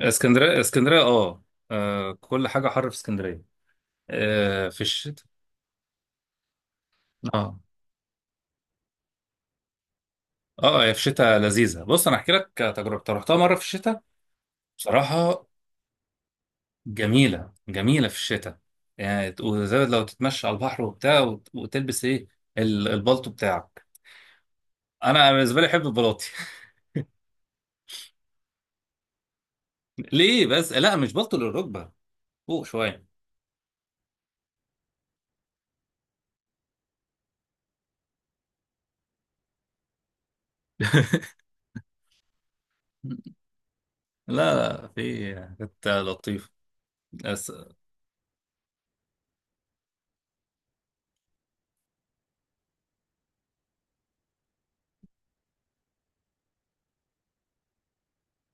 اسكندريه اه. كل حاجه حر في اسكندريه. في الشتاء. اه. اه هي في الشتاء لذيذه، بص انا احكي لك تجربه رحتها مره في الشتاء. بصراحه جميله في الشتاء. يعني وزي لو تتمشى على البحر وبتاع وت- وتلبس ايه البلطو بتاعك. انا بالنسبه لي احب البلاطي. ليه بس؟ لا مش بلطو للركبه، فوق شويه. لا في، كانت لطيفه.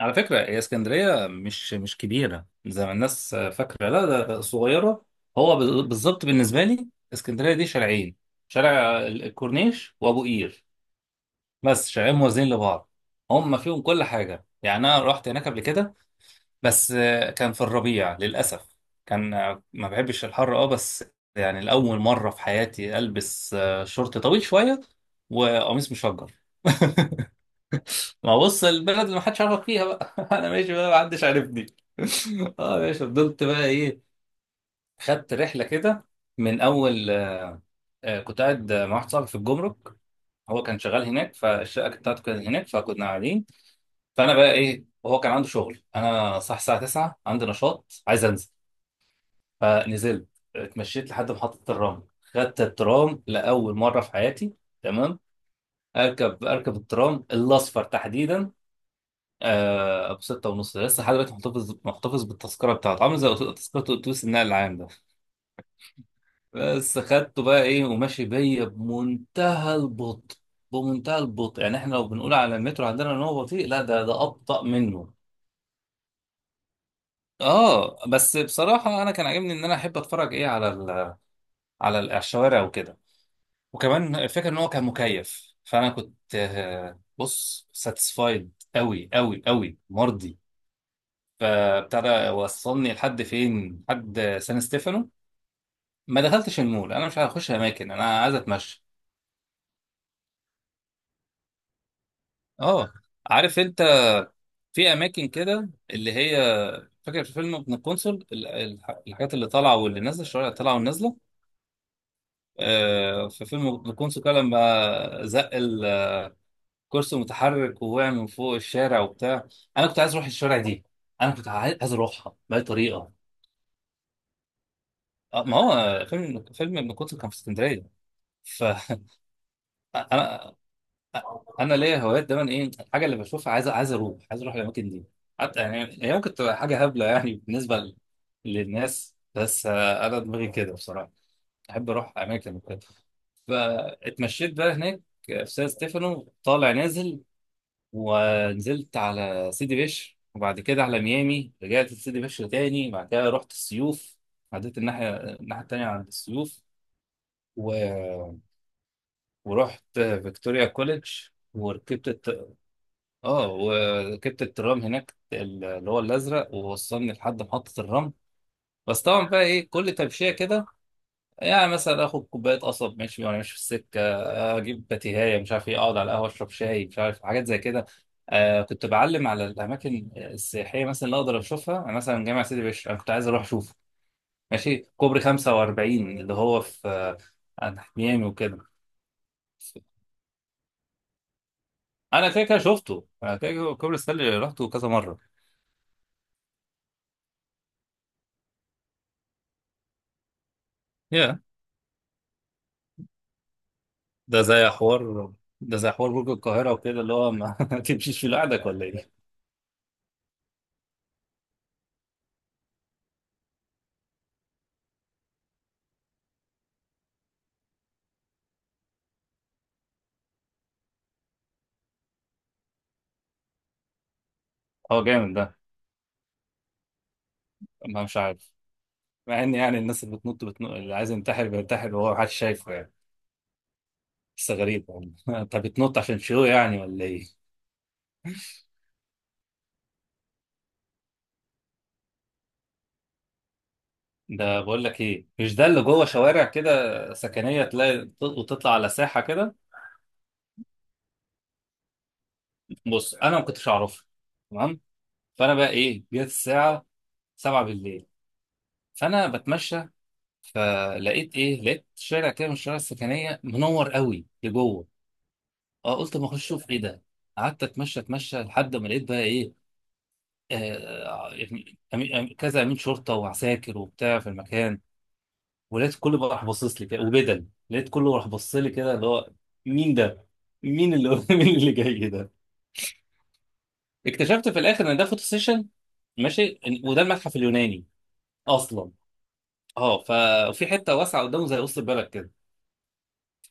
على فكرة هي اسكندرية مش كبيرة زي ما الناس فاكرة، لا ده صغيرة. هو بالظبط بالنسبة لي اسكندرية دي شارعين، شارع الكورنيش وأبو قير، بس شارعين موازيين لبعض، هم فيهم كل حاجة. يعني أنا رحت هناك قبل كده بس كان في الربيع للأسف. كان، ما بحبش الحر اه بس. يعني لأول مرة في حياتي ألبس شورت طويل شوية وقميص مشجر. ما بص، البلد اللي محدش عارفك فيها بقى. انا ماشي بقى محدش عارفني. اه ماشي، فضلت بقى ايه، خدت رحله كده. من اول كنت قاعد مع واحد صاحبي في الجمرك، هو كان شغال هناك، فالشقه كانت بتاعته كانت هناك، فكنا قاعدين. فانا بقى ايه، وهو كان عنده شغل، انا صح الساعه 9 عندي نشاط عايز انزل. فنزلت، اتمشيت لحد محطه الترام، خدت الترام لاول مره في حياتي. تمام. اركب الترام الاصفر تحديدا، آه ابو ستة ونص ده. لسه لحد دلوقتي محتفظ بالتذكره بتاعته، عامل زي تذكره اتوبيس النقل العام ده. بس خدته بقى ايه، وماشي بيا بمنتهى البطء. بمنتهى البطء، يعني احنا لو بنقول على المترو عندنا ان هو بطيء، لا ده ابطا منه. اه بس بصراحه انا كان عاجبني ان انا احب اتفرج ايه على على الشوارع وكده. وكمان الفكره ان هو كان مكيف، فانا كنت، بص، ساتسفايد، قوي مرضي. فابتدى وصلني لحد فين، لحد سان ستيفانو. ما دخلتش المول، انا مش عايز اخش اماكن، انا عايز اتمشى. اه عارف انت، في اماكن كده اللي هي، فاكر في فيلم ابن القنصل، الحاجات اللي طالعه واللي نازله، الشوارع اللي طالعه والنازله. في فيلم ابن القنصل كده لما زق الكرسي المتحرك ووقع من فوق الشارع وبتاع، انا كنت عايز اروح الشارع دي. انا كنت عايز اروحها باي طريقه. ما هو فيلم ابن القنصل كان في اسكندريه، ف انا انا ليا هوايات دايما، ايه الحاجه اللي بشوفها عايز اروح الاماكن دي. حتى يعني هي ممكن تبقى حاجه هبله يعني بالنسبه للناس، بس انا دماغي كده بصراحه. احب اروح اماكن وكده. فاتمشيت بقى هناك، في سان ستيفانو طالع نازل، ونزلت على سيدي بشر، وبعد كده على ميامي، رجعت لسيدي بشر تاني، بعد كده رحت السيوف، عديت الناحيه التانيه عند السيوف و... ورحت فيكتوريا كوليدج، وركبت. اه وركبت الترام هناك، اللي هو الازرق، ووصلني لحد محطه الرمل. بس طبعا بقى ايه، كل تمشيه كده يعني، مثلا اخد كوبايه قصب ماشي، وانا ماشي في السكه اجيب باتيهايه مش عارف ايه، اقعد على القهوه اشرب شاي مش عارف، حاجات زي كده. آه كنت بعلم على الاماكن السياحيه مثلا اللي اقدر اشوفها. أنا مثلا جامع سيدي بشر انا كنت عايز اروح اشوفه، ماشي كوبري 45 اللي هو في عند حميامي وكده. انا كده كده شفته، انا كده كده كوبري ستانلي رحته كذا مره. yeah. ده زي حوار ده زي حوار برج القاهرة وكده، اللي هو ما تمشيش في لوحدك ولا ايه؟ هو جامد ده. ما مش عارف، مع ان يعني الناس اللي بتنط بتنط، اللي عايز ينتحر بينتحر وهو محدش شايفه يعني. بس غريب والله، انت بتنط عشان شو يعني ولا ايه؟ ده بقول لك ايه، مش ده اللي جوه شوارع كده سكنية، تلاقي وتطلع على ساحة كده. بص انا ما كنتش اعرفها. تمام. فانا بقى ايه، جت الساعة 7 بالليل، فانا بتمشى، فلقيت ايه، لقيت شارع كده من الشوارع السكنية منور قوي لجوه. اه قلت ما اخش اشوف ايه ده. قعدت اتمشى لحد ما لقيت بقى ايه، آه يعني كذا امين شرطه وعساكر وبتاع في المكان. ولقيت كله بقى راح باصص لي كده، وبدل لقيت كله راح بص لي كده، اللي هو مين ده؟ مين اللي مين اللي جاي ده؟ اكتشفت في الاخر ان ده فوتو سيشن. ماشي وده المتحف اليوناني اصلا. اه ففي حته واسعه قدامه زي وسط البلد كده.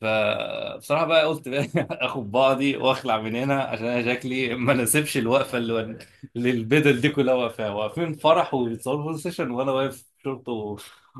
فبصراحة بقى قلت بقى، اخد بعضي واخلع من هنا، عشان انا شكلي ما ناسبش الوقفة اللي البدل دي كلها واقفاها، واقفين فرح وبيتصوروا فوتو سيشن، وانا واقف شورت و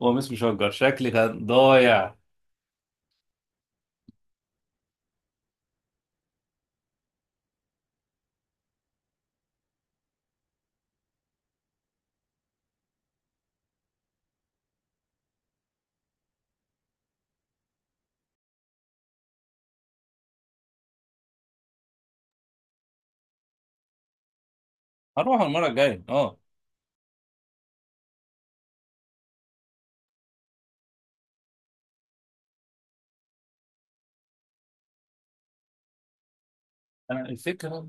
وقميص مشجر، شكلي كان ضايع. هروح المرة الجاية اه. انا الفكرة،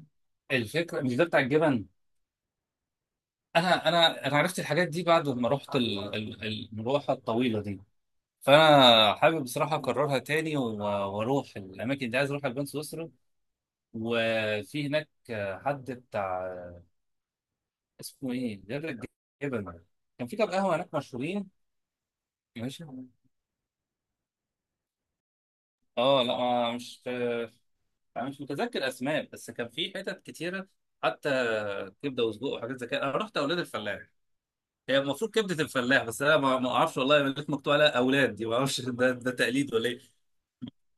الفكرة مش ده بتاع الجبن. انا عرفت الحاجات دي بعد ما رحت المروحة الطويلة دي. فانا حابب بصراحة اكررها تاني و واروح الاماكن دي. عايز اروح البان سويسرا، وفي هناك حد بتاع اسمه ايه غير الجبن. كان في كام قهوه هناك مشهورين. ماشي. اه لا ما- مش، انا مش متذكر اسماء، بس كان في حتت كتيره حتى كبده وسجق وحاجات زي كده. انا رحت اولاد الفلاح، هي المفروض كبده الفلاح، بس انا ما اعرفش والله، لقيت مكتوب عليها اولاد دي، ما اعرفش ده تقليد ولا ايه.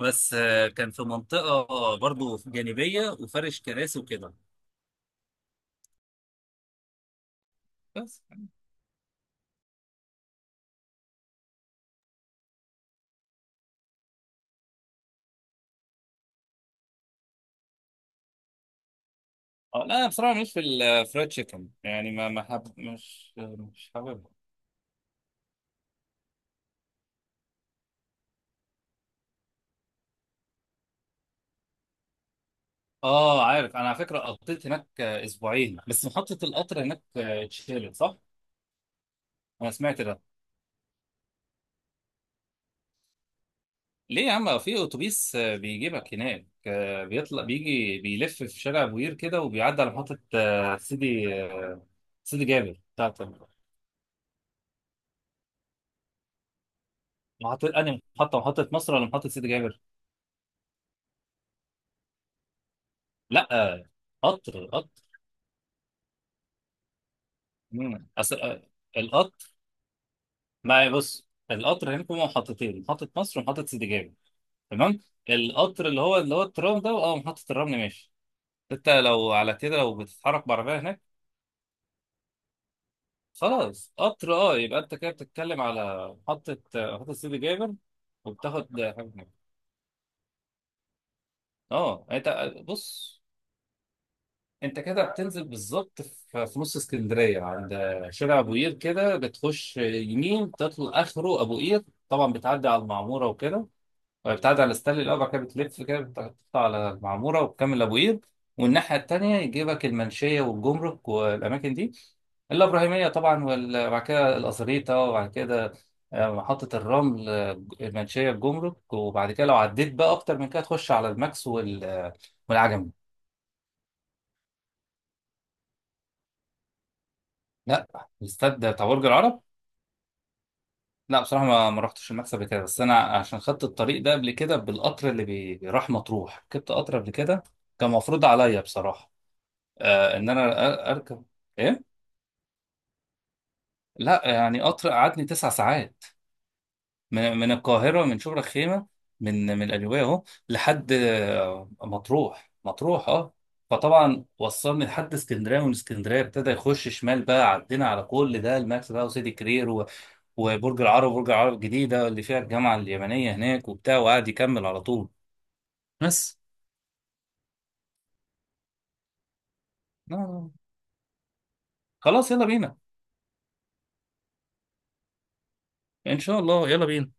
بس كان في منطقه برضو جانبيه، وفرش كراسي وكده. بس اه لا انا بصراحه مش في الفرايد تشيكن يعني، ما ما حب مش مش حاببها. اه عارف، انا على فكره قضيت هناك أسبوعين، بس محطه القطر هناك اتشالت صح؟ انا سمعت ده. ليه يا عم، في اتوبيس بيجيبك هناك، بيطلع بيجي بيلف في شارع بوير كده، وبيعدي على محطه سيدي سيدي جابر بتاعت محطه انهي، محطه محطه مصر ولا محطه سيدي جابر؟ لا آه، قطر. مم. اصل القطر. ما بص القطر هنا في محطتين، محطة مصر ومحطة سيدي جابر. تمام. القطر اللي هو الترام ده اه، محطة الرمل ماشي. انت لو على كده، لو بتتحرك بعربية هناك. خلاص قطر اه، يبقى انت كده بتتكلم على محطة سيدي جابر. وبتاخد حاجة هناك. اه انت، بص، انت كده بتنزل بالظبط في نص اسكندرية، عند شارع ابو قير كده، بتخش يمين، تطلع اخره ابو قير، طبعا بتعدي على المعمورة وكده. بتعدي على ستانلي الأول، بعد كده بتلف كده، بتقطع على المعمورة، وبتكمل أبو قير. والناحية التانية يجيبك المنشية والجمرك والأماكن دي، الإبراهيمية طبعا، وبعد كده الأزريطة، وبعد كده محطة الرمل، المنشية، الجمرك، وبعد كده لو عديت بقى أكتر من كده تخش على الماكس والعجمي. لا الاستاد بتاع برج العرب. لا بصراحة ما رحتش الماكس قبل كده، بس أنا عشان خدت الطريق ده قبل كده بالقطر اللي بيروح مطروح، ركبت قطر قبل كده. كان مفروض عليا بصراحة، آه ان انا اركب. ايه؟ لا يعني قطر قعدني 9 ساعات، من القاهره، من شبرا الخيمه، من القليوبيه اهو، لحد مطروح اه. فطبعا وصلني لحد اسكندريه، ومن اسكندريه ابتدى يخش شمال بقى، عدينا على كل ده، الماكس بقى وسيدي كرير و وبرج العرب، وبرج العرب الجديده اللي فيها الجامعه اليمنيه هناك وبتاع، وقعد يكمل على طول. بس آه. خلاص يلا بينا. ان شاء الله يلا بينا.